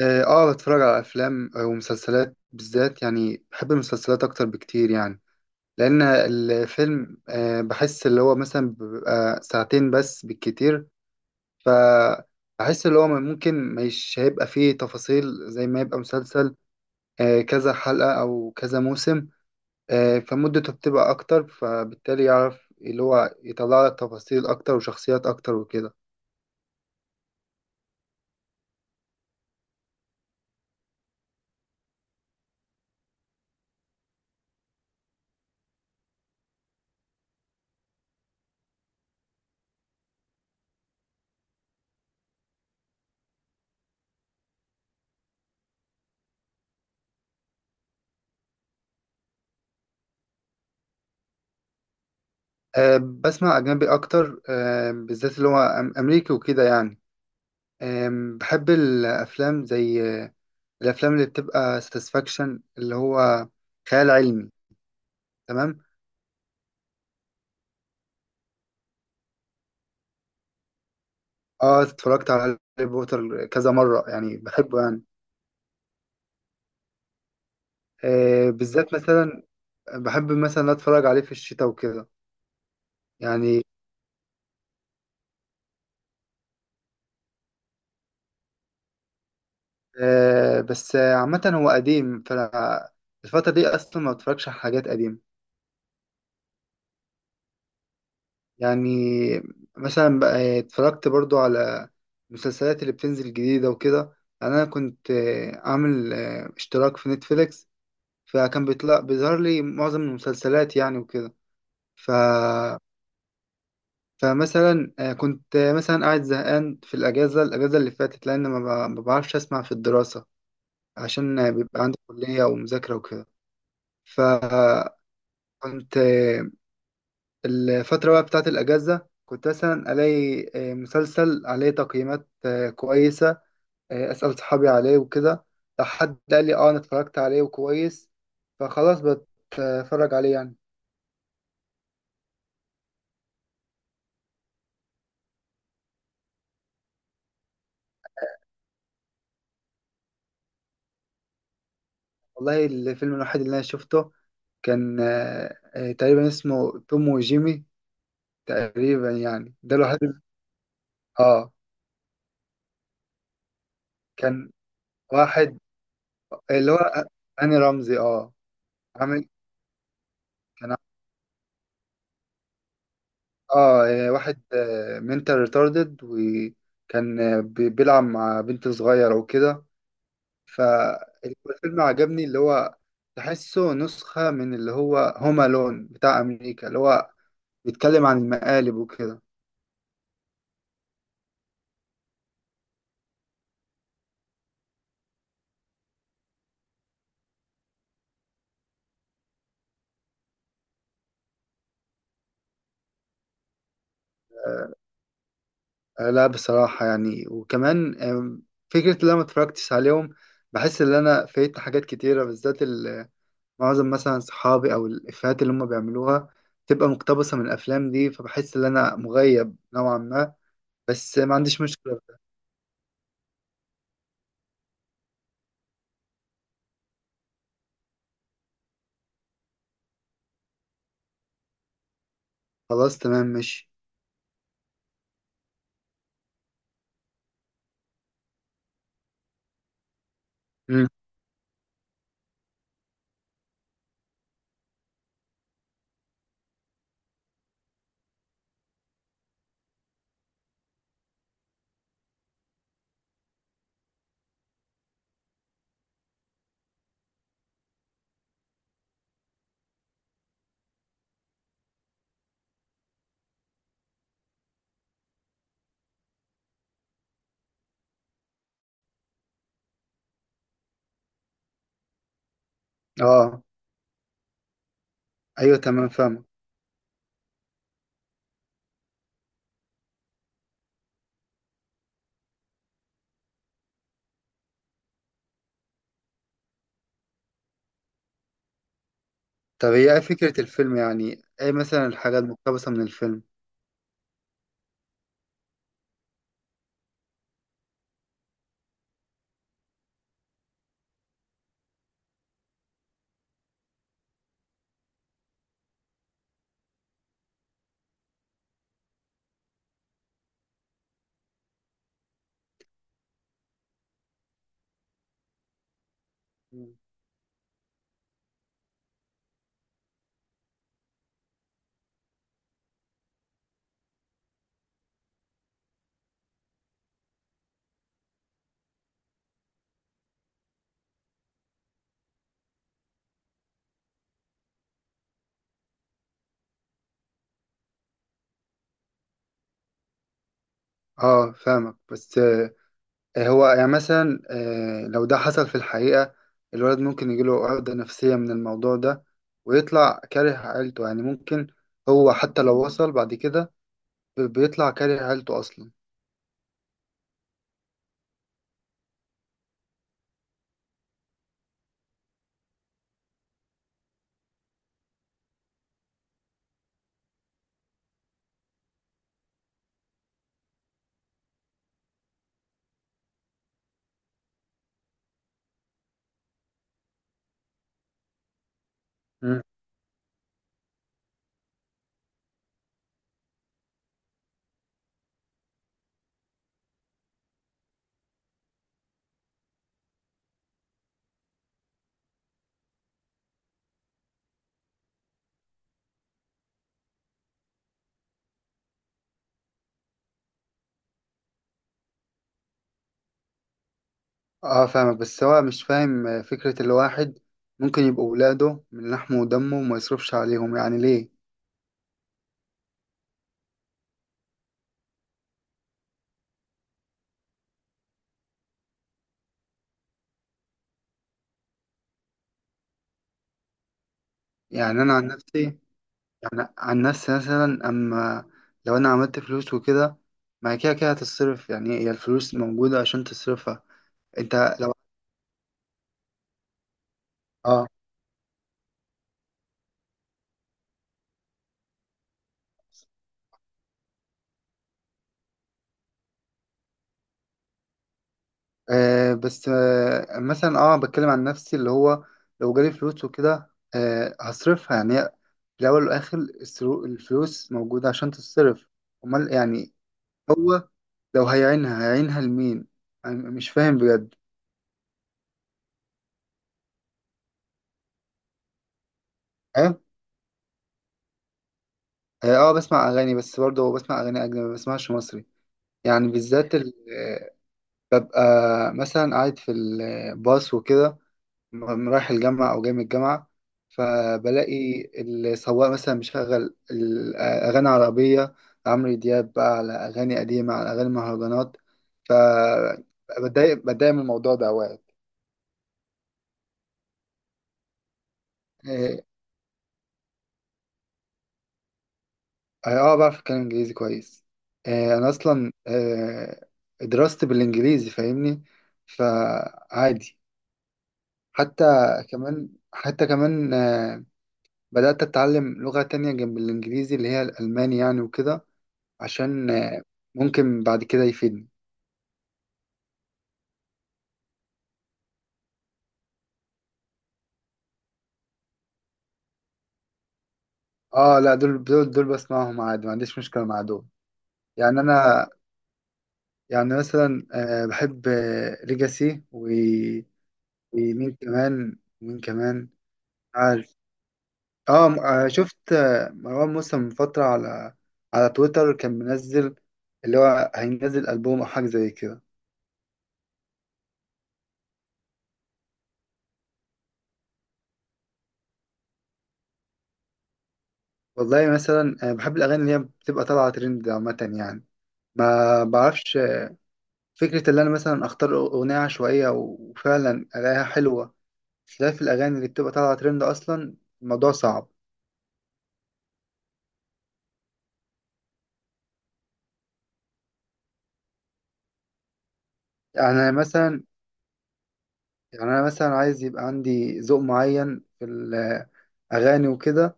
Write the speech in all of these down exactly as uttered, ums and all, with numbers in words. اه، آه، بتفرج على افلام ومسلسلات، بالذات يعني بحب المسلسلات اكتر بكتير يعني، لان الفيلم آه بحس اللي هو مثلا بيبقى ساعتين بس بالكتير. فبحس اللي هو ممكن مش هيبقى فيه تفاصيل زي ما يبقى مسلسل، آه كذا حلقة او كذا موسم. آه فمدته بتبقى اكتر، فبالتالي يعرف اللي هو يطلع لك تفاصيل اكتر وشخصيات اكتر وكده. آه بسمع اجنبي اكتر، آه بالذات اللي هو أم- امريكي وكده يعني. أم، بحب الأفلام زي آه، الأفلام اللي بتبقى ساتسفاكشن، اللي هو خيال علمي. تمام. اه، اتفرجت على هاري بوتر كذا مرة يعني، بحبه يعني. آه بالذات مثلا بحب مثلا أتفرج عليه في الشتاء وكده يعني. آه بس آه، عامة هو قديم، فالفترة دي أصلا ما بتفرجش على حاجات قديمة. يعني مثلا بقى اتفرجت برضو على المسلسلات اللي بتنزل جديدة وكده يعني، أنا كنت آه، عامل آه، اشتراك في نتفليكس، فكان بيطلع بيظهر لي معظم المسلسلات يعني وكده. ف... فمثلا آه، كنت آه، مثلا قاعد زهقان في الأجازة، الأجازة اللي فاتت، لأن ما ب- ما بعرفش أسمع في الدراسة، عشان آه، بيبقى عندي كلية ومذاكرة وكده. فكنت الفترة بقى بتاعت الأجازة كنت مثلا ألاقي آه، مسلسل عليه تقييمات آه، كويسة، آه، أسأل صحابي عليه وكده، لو حد قال لي أه أنا اتفرجت عليه وكويس، فخلاص بتفرج عليه يعني. والله الفيلم الوحيد اللي أنا شفته كان آه، آه، تقريبا اسمه توم وجيمي، تقريبا يعني، ده الوحيد اللي- أه. كان واحد اللي هو هاني رمزي أه عامل، كان اه آه، واحد منتال ريتاردد، وكان آه، بي- بيلعب مع بنت صغيرة وكده. فالفيلم عجبني، اللي هو تحسه نسخة من اللي هو هوم لون بتاع أمريكا، اللي هو بيتكلم عن المقالب وكده. آه، لا بصراحة يعني، وكمان آم، فكرة اللي أنا متفرجتش عليهم بحس إن أنا فايت حاجات كتيرة، بالذات ال- معظم مثلا صحابي أو الإفيهات اللي هم بيعملوها تبقى مقتبسة من الأفلام دي، فبحس إن أنا مغيب نوعا ما، بس ما عنديش مشكلة. خلاص، تمام، ماشي. مم. اه، ايوه، تمام، فاهمة. طب هي ايه فكرة الفيلم، يعني ايه مثلا الحاجة المقتبسة من الفيلم؟ مم. اه فاهمك، بس آه هو يعني مثلا آه لو ده حصل في الحقيقة، الولد ممكن يجيله عقدة نفسية من الموضوع ده ويطلع كاره عيلته يعني، ممكن هو حتى لو وصل بعد كده بيطلع كاره عيلته اصلا. اه فاهمك، بس هو مش فاهم آه، فكرة الواحد ممكن يبقوا ولاده من لحمه ودمه وما يصرفش عليهم يعني، ليه؟ يعني أنا عن نفسي يعني عن نفسي مثلا، أما لو أنا عملت فلوس وكده، ما هي كده كده هتتصرف يعني، هي الفلوس موجودة عشان تصرفها. أنت لو اه، آه، بس آه مثلا اه بتكلم عن نفسي، اللي هو لو جالي فلوس وكده آه هصرفها يعني. هي في الأول والآخر السرو- الفلوس موجودة عشان تتصرف، أمال يعني. هو لو هيعينها هيعينها لمين؟ أنا مش فاهم بجد. ها. هي اه، بسمع اغاني، بس برضه بسمع اغاني اجنبي ما بسمعش مصري يعني، بالذات ال- آه، ببقى مثلا قاعد في الباص وكده، م- رايح الجامعة أو جاي من الجامعة، فبلاقي السواق مثلا مشغل الأغاني العربية، عمرو دياب بقى، على أغاني قديمة، على أغاني مهرجانات، فبتضايق بتضايق من الموضوع ده أوقات. آه، اه، آه، بعرف اتكلم انجليزي كويس. آه انا اصلا آه دراستي بالانجليزي فاهمني، فعادي. حتى كمان، حتى كمان آه بدأت اتعلم لغة تانية جنب الانجليزي اللي هي الالماني يعني وكده، عشان آه ممكن بعد كده يفيدني. اه لا، دول دول دول بسمعهم عادي، ما عنديش مشكلة مع دول. يعني انا يعني مثلا آه بحب آه ليجاسي و- ومين كمان، ومين كمان عارف. اه م- آه، شفت آه، مروان موسى من فترة على على تويتر كان منزل، اللي هو هينزل ألبوم أو حاجة زي كده. والله مثلا آه، بحب الأغاني اللي هي بتبقى طالعة ترند عامة يعني، ما بعرفش آه، فكرة اللي أنا مثلا أختار أغنية عشوائية وفعلا ألاقيها حلوة، خلاف الأغاني اللي بتبقى طالعة ترند أصلا الموضوع صعب. يعني أنا مثلا يعني أنا مثلا عايز يبقى عندي ذوق معين في الأغاني وكده.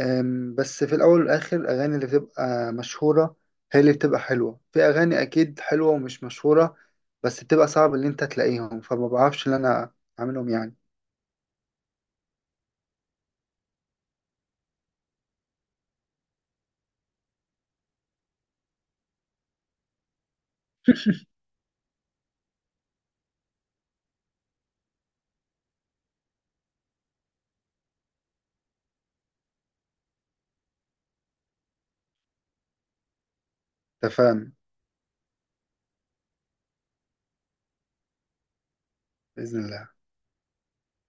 أم، بس في الأول والآخر الأغاني اللي بتبقى مشهورة هي اللي بتبقى حلوة، في أغاني أكيد حلوة ومش مشهورة بس بتبقى صعب إن أنت تلاقيهم، فما بعرفش إن أنا أعملهم يعني. أنت فاهم. بإذن الله.